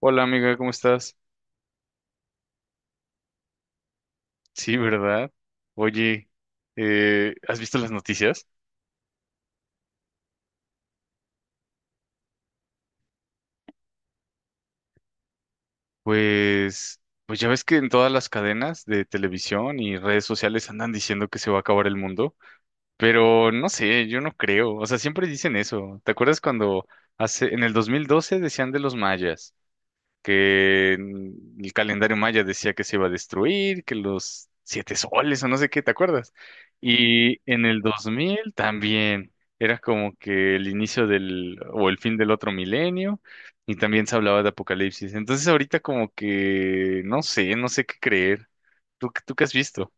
Hola amiga, ¿cómo estás? Sí, ¿verdad? Oye, ¿has visto las noticias? Pues ya ves que en todas las cadenas de televisión y redes sociales andan diciendo que se va a acabar el mundo, pero no sé, yo no creo, o sea, siempre dicen eso. ¿Te acuerdas cuando en el 2012 decían de los mayas? Que el calendario maya decía que se iba a destruir, que los siete soles o no sé qué, ¿te acuerdas? Y en el 2000 también era como que el inicio del o el fin del otro milenio y también se hablaba de apocalipsis. Entonces ahorita como que no sé, no sé qué creer. ¿Tú qué has visto?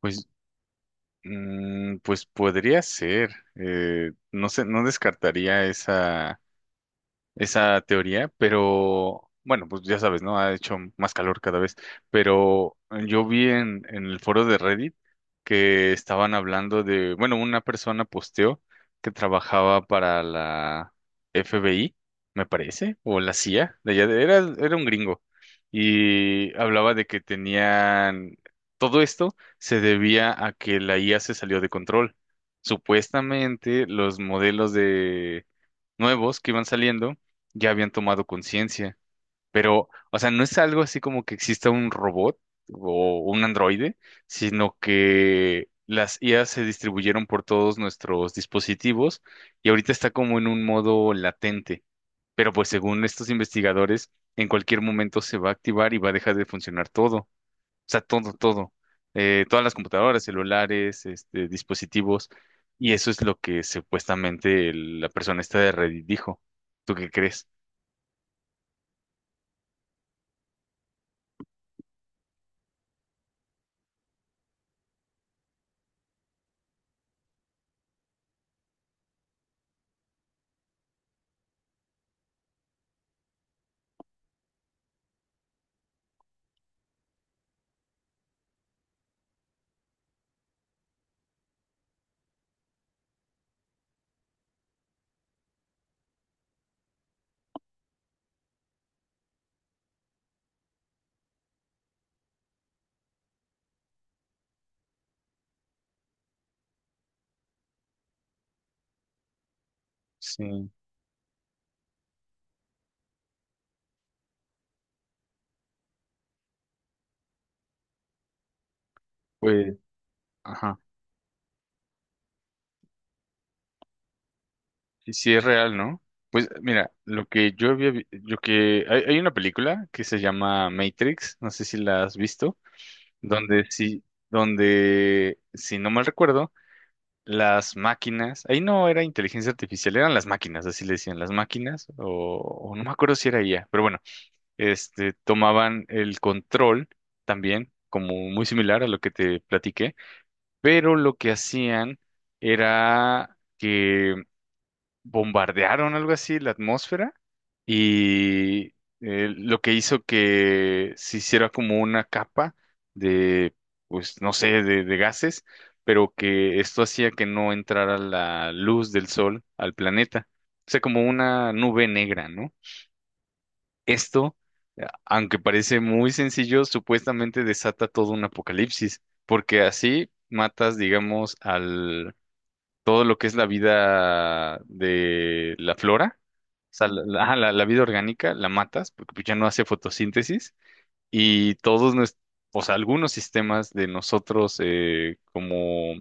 Pues, pues podría ser. No sé, no descartaría esa teoría, pero bueno, pues ya sabes, ¿no? Ha hecho más calor cada vez, pero yo vi en el foro de Reddit que estaban hablando de, bueno, una persona posteó que trabajaba para la FBI, me parece, o la CIA, de allá era un gringo, y hablaba de que tenían, todo esto se debía a que la IA se salió de control. Supuestamente los modelos nuevos que iban saliendo ya habían tomado conciencia. Pero, o sea, no es algo así como que exista un robot o un androide, sino que las IA se distribuyeron por todos nuestros dispositivos y ahorita está como en un modo latente. Pero pues según estos investigadores, en cualquier momento se va a activar y va a dejar de funcionar todo. O sea, todo, todo. Todas las computadoras, celulares, este, dispositivos. Y eso es lo que supuestamente la persona esta de Reddit dijo. ¿Tú qué crees? Sí, pues, ajá. Y si es real, ¿no? Pues mira, lo que yo había, lo que hay una película que se llama Matrix, no sé si la has visto, donde sí, donde si no mal recuerdo, las máquinas, ahí no era inteligencia artificial, eran las máquinas, así le decían, las máquinas, o no me acuerdo si era ella, pero bueno, este, tomaban el control también, como muy similar a lo que te platiqué, pero lo que hacían era que bombardearon algo así la atmósfera y lo que hizo que se hiciera como una capa de, pues no sé, de gases, pero que esto hacía que no entrara la luz del sol al planeta. O sea, como una nube negra, ¿no? Esto, aunque parece muy sencillo, supuestamente desata todo un apocalipsis, porque así matas, digamos, al todo lo que es la vida de la flora, o sea, ajá, la vida orgánica la matas, porque pues, ya no hace fotosíntesis, y todos nuestros, o sea, algunos sistemas de nosotros como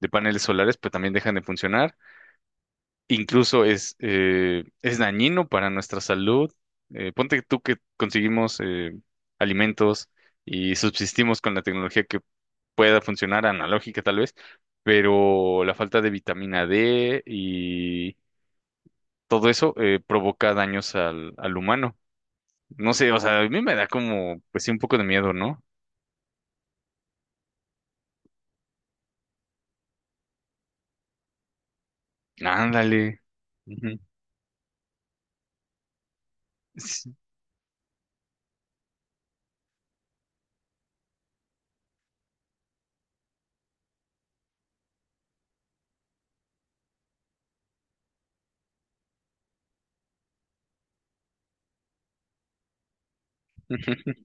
de paneles solares, pues también dejan de funcionar incluso es dañino para nuestra salud. Ponte tú que conseguimos alimentos y subsistimos con la tecnología que pueda funcionar, analógica tal vez, pero la falta de vitamina D y todo eso provoca daños al humano. No sé, o sea, a mí me da como, pues sí, un poco de miedo, ¿no? Ándale. Ujú. Sí.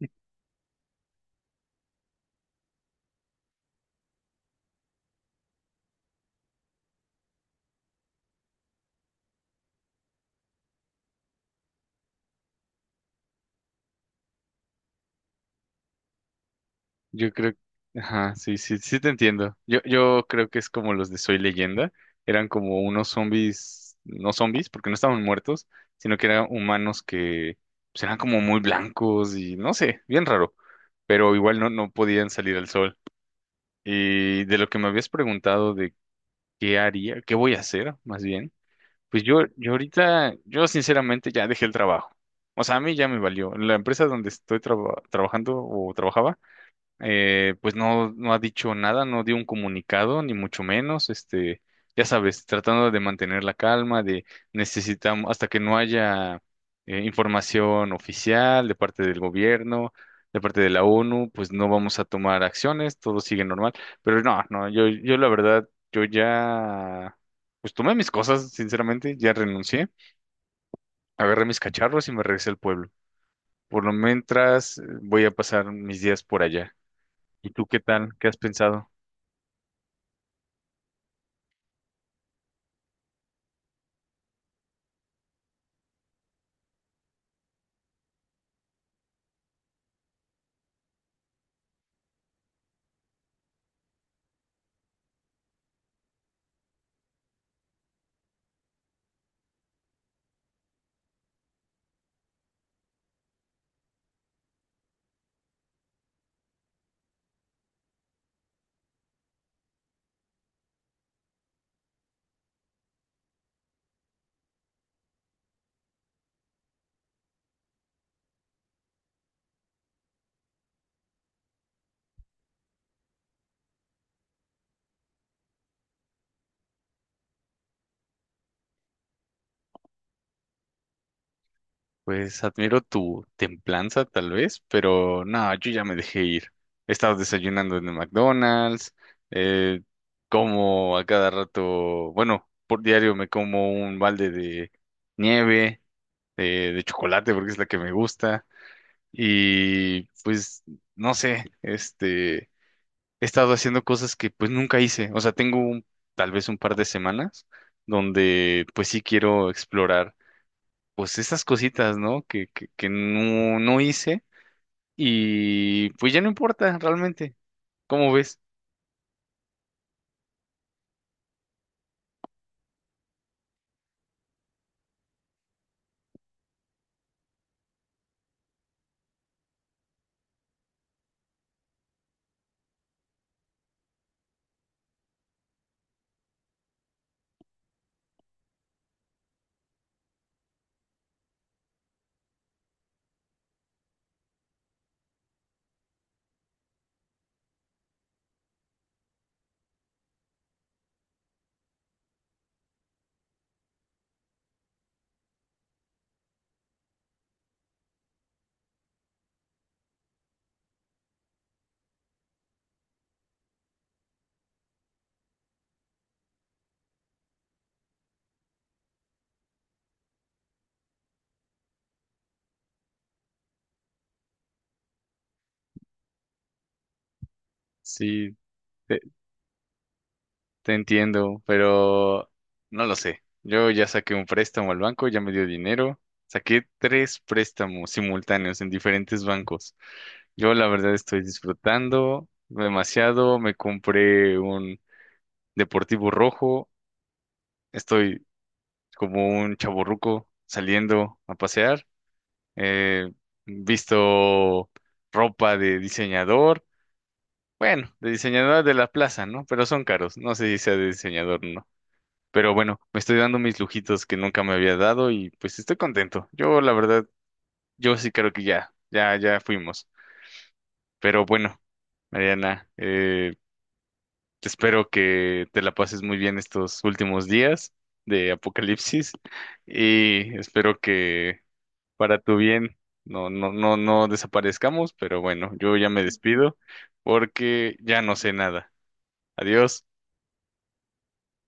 Yo creo, ajá, sí, sí, sí te entiendo. Yo creo que es como los de Soy Leyenda. Eran como unos zombies, no zombies, porque no estaban muertos, sino que eran humanos que pues, eran como muy blancos y no sé, bien raro. Pero igual no podían salir al sol. Y de lo que me habías preguntado de qué haría, qué voy a hacer, más bien, pues yo ahorita, yo sinceramente ya dejé el trabajo. O sea, a mí ya me valió. La empresa donde estoy trabajando o trabajaba pues no, no ha dicho nada, no dio un comunicado, ni mucho menos, este, ya sabes, tratando de mantener la calma, de necesitamos, hasta que no haya información oficial de parte del gobierno, de parte de la ONU, pues no vamos a tomar acciones, todo sigue normal, pero no, no, yo la verdad, yo ya, pues tomé mis cosas, sinceramente, ya renuncié, agarré mis cacharros y me regresé al pueblo. Por lo mientras, voy a pasar mis días por allá. ¿Y tú qué tal? ¿Qué has pensado? Pues admiro tu templanza tal vez, pero no, yo ya me dejé ir. He estado desayunando en el McDonald's, eh, como a cada rato, bueno, por diario me como un balde de nieve, de chocolate porque es la que me gusta. Y pues, no sé, este, he estado haciendo cosas que pues nunca hice. O sea, tengo tal vez un par de semanas donde pues sí quiero explorar pues esas cositas, ¿no? Que no hice y pues ya no importa realmente. ¿Cómo ves? Sí, te, te entiendo, pero no lo sé. Yo ya saqué un préstamo al banco, ya me dio dinero. Saqué tres préstamos simultáneos en diferentes bancos. Yo la verdad estoy disfrutando demasiado. Me compré un deportivo rojo. Estoy como un chavorruco saliendo a pasear eh, visto ropa de diseñador, bueno, de diseñador de la plaza, ¿no? Pero son caros, no sé si sea de diseñador o no. Pero bueno, me estoy dando mis lujitos que nunca me había dado y pues estoy contento. Yo, la verdad, yo sí creo que ya, ya, ya fuimos. Pero bueno, Mariana, espero que te la pases muy bien estos últimos días de Apocalipsis y espero que para tu bien, no, no, no, no desaparezcamos, pero bueno, yo ya me despido porque ya no sé nada. Adiós.